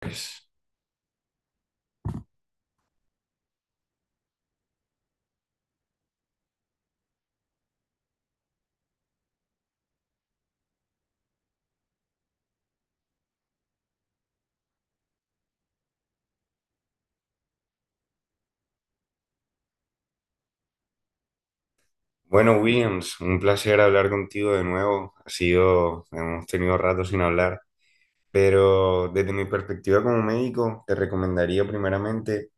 Pues. Bueno, Williams, un placer hablar contigo de nuevo. Hemos tenido rato sin hablar, pero desde mi perspectiva como médico, te recomendaría primeramente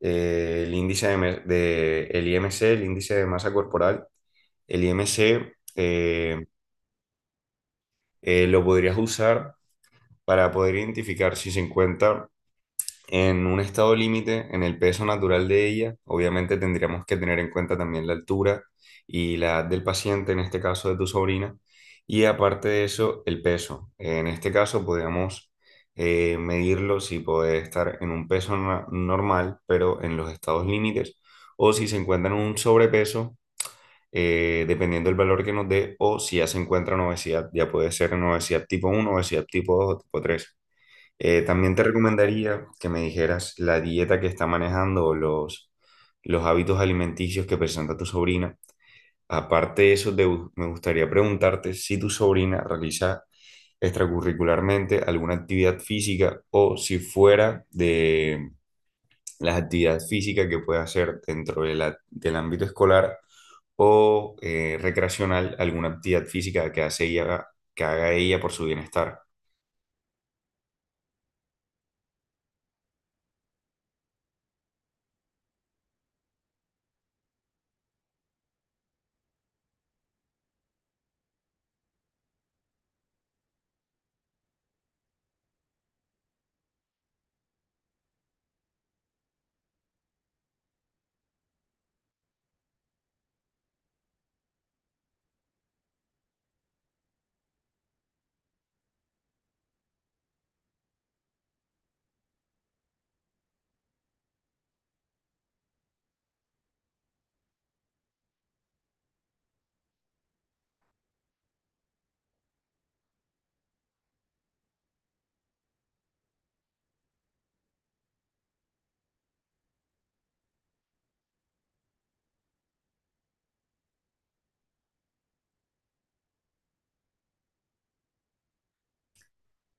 el IMC, el índice de masa corporal. El IMC lo podrías usar para poder identificar si se encuentra en un estado límite, en el peso natural de ella. Obviamente tendríamos que tener en cuenta también la altura y la edad del paciente, en este caso de tu sobrina, y aparte de eso, el peso. En este caso, podríamos medirlo si puede estar en un peso normal, pero en los estados límites, o si se encuentra en un sobrepeso, dependiendo del valor que nos dé, o si ya se encuentra en obesidad. Ya puede ser en obesidad tipo uno, obesidad tipo 2, o tipo 3. También te recomendaría que me dijeras la dieta que está manejando o los hábitos alimenticios que presenta tu sobrina. Aparte de eso, me gustaría preguntarte si tu sobrina realiza extracurricularmente alguna actividad física, o si fuera de las actividades físicas que puede hacer dentro de del ámbito escolar o recreacional, alguna actividad física que hace ella, que haga ella por su bienestar.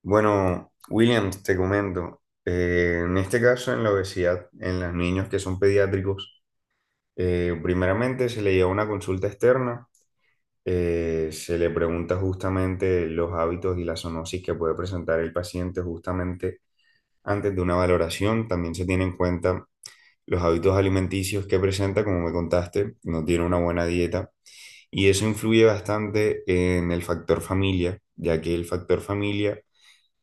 Bueno, Williams, te comento, en este caso en la obesidad, en los niños que son pediátricos, primeramente se le lleva una consulta externa. Se le pregunta justamente los hábitos y la zoonosis que puede presentar el paciente justamente antes de una valoración. También se tiene en cuenta los hábitos alimenticios que presenta. Como me contaste, no tiene una buena dieta y eso influye bastante en el factor familia, ya que el factor familia,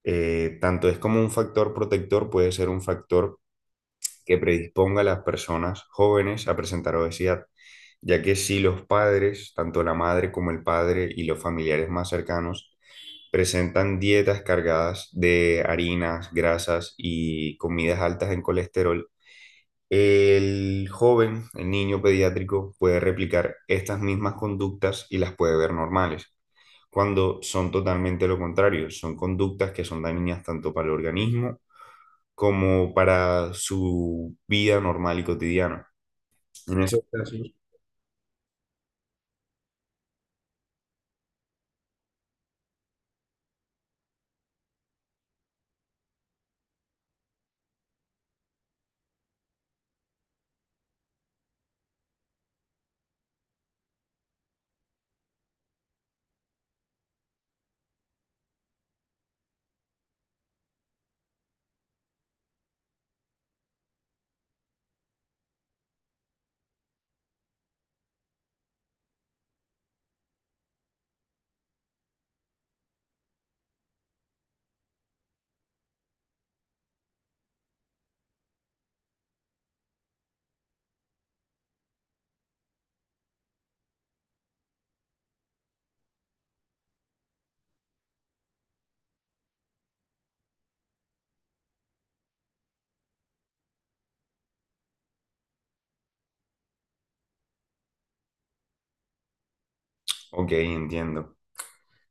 tanto es como un factor protector, puede ser un factor que predisponga a las personas jóvenes a presentar obesidad, ya que si los padres, tanto la madre como el padre y los familiares más cercanos, presentan dietas cargadas de harinas, grasas y comidas altas en colesterol, el joven, el niño pediátrico, puede replicar estas mismas conductas y las puede ver normales, cuando son totalmente lo contrario. Son conductas que son dañinas tanto para el organismo como para su vida normal y cotidiana. En esos casos. Ok, entiendo.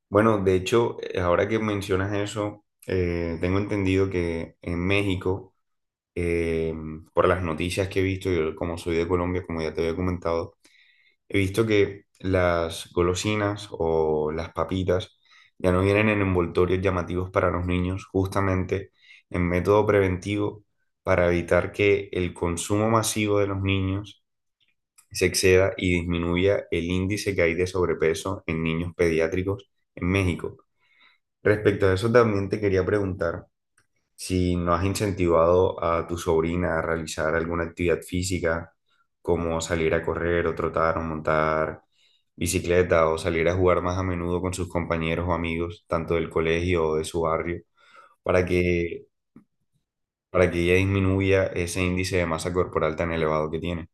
Bueno, de hecho, ahora que mencionas eso, tengo entendido que en México, eh, por las noticias que he visto, yo como soy de Colombia, como ya te había comentado, he visto que las golosinas o las papitas ya no vienen en envoltorios llamativos para los niños, justamente en método preventivo para evitar que el consumo masivo de los niños se exceda y disminuya el índice que hay de sobrepeso en niños pediátricos en México. Respecto a eso, también te quería preguntar si no has incentivado a tu sobrina a realizar alguna actividad física, como salir a correr o trotar o montar bicicleta o salir a jugar más a menudo con sus compañeros o amigos, tanto del colegio o de su barrio, para que, para que ella disminuya ese índice de masa corporal tan elevado que tiene.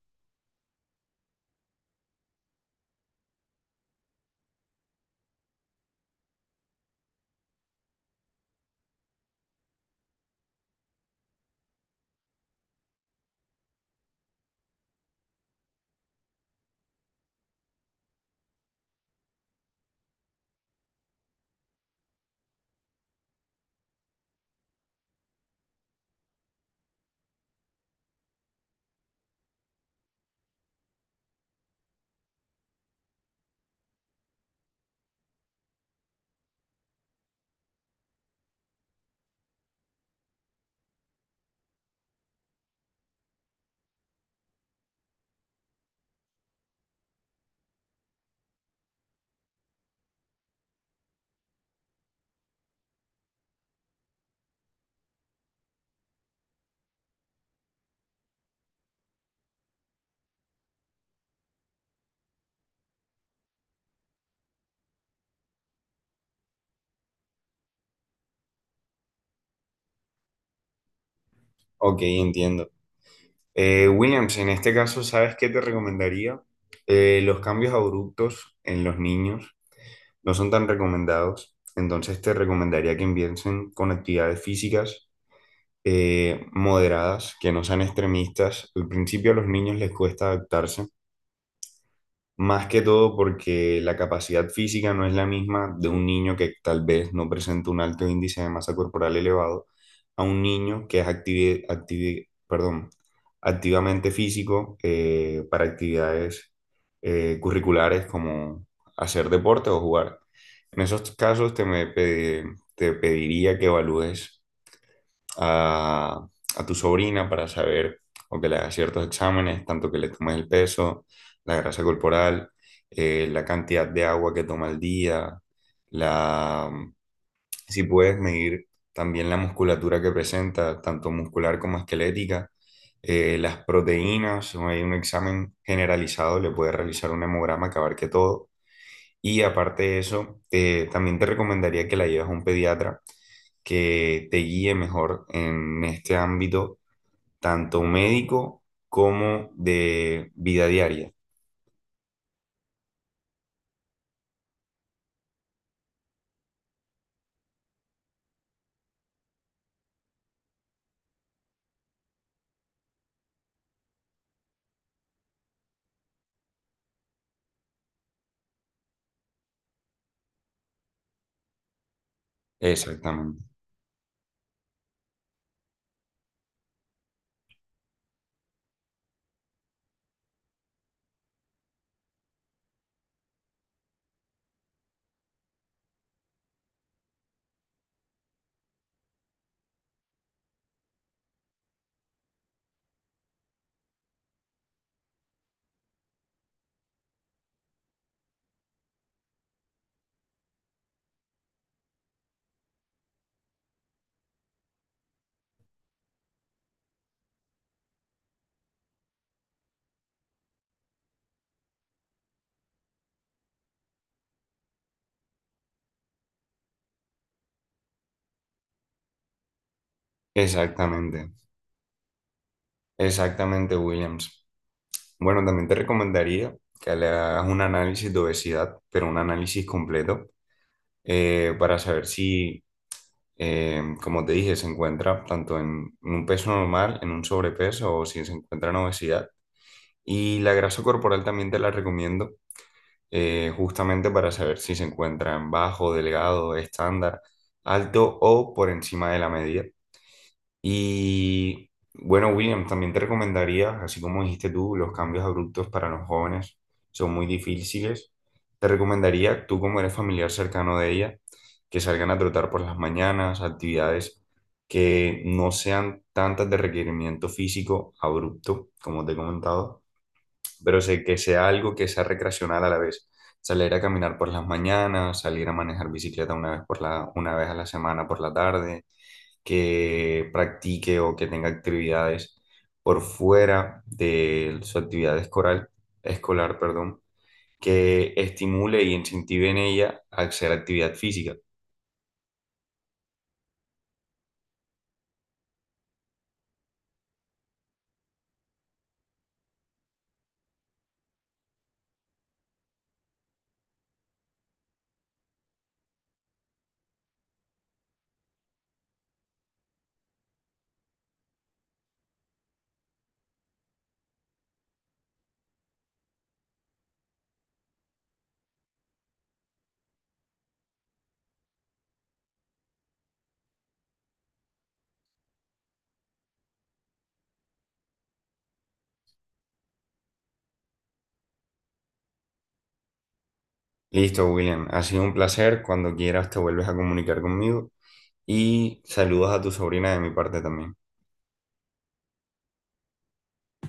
Ok, entiendo. Williams, en este caso, ¿sabes qué te recomendaría? Los cambios abruptos en los niños no son tan recomendados, entonces te recomendaría que empiecen con actividades físicas moderadas, que no sean extremistas. Al principio a los niños les cuesta adaptarse, más que todo porque la capacidad física no es la misma de un niño que tal vez no presenta un alto índice de masa corporal elevado, a un niño que es perdón, activamente físico para actividades curriculares como hacer deporte o jugar. En esos casos te pediría que evalúes a, a tu sobrina para saber, o que le hagas ciertos exámenes, tanto que le tomes el peso, la grasa corporal, la cantidad de agua que toma al día, la, si puedes medir también la musculatura que presenta, tanto muscular como esquelética, las proteínas. Hay un examen generalizado, le puedes realizar un hemograma que abarque todo. Y aparte de eso, también te recomendaría que la lleves a un pediatra que te guíe mejor en este ámbito, tanto médico como de vida diaria. Exactamente, exactamente, exactamente, Williams. Bueno, también te recomendaría que le hagas un análisis de obesidad, pero un análisis completo, para saber si, como te dije, se encuentra tanto en un peso normal, en un sobrepeso o si se encuentra en obesidad. Y la grasa corporal también te la recomiendo, justamente para saber si se encuentran bajo, delgado, estándar, alto o por encima de la medida. Y bueno, William, también te recomendaría, así como dijiste tú, los cambios abruptos para los jóvenes son muy difíciles. Te recomendaría, tú como eres familiar cercano de ella, que salgan a trotar por las mañanas, actividades que no sean tantas de requerimiento físico abrupto, como te he comentado, pero sé que sea algo que sea recreacional a la vez. Salir a caminar por las mañanas, salir a manejar bicicleta una vez, una vez a la semana por la tarde, que practique o que tenga actividades por fuera de su actividad escolar, escolar, perdón, que estimule y incentive en ella a hacer actividad física. Listo, William, ha sido un placer. Cuando quieras te vuelves a comunicar conmigo, y saludos a tu sobrina de mi parte también.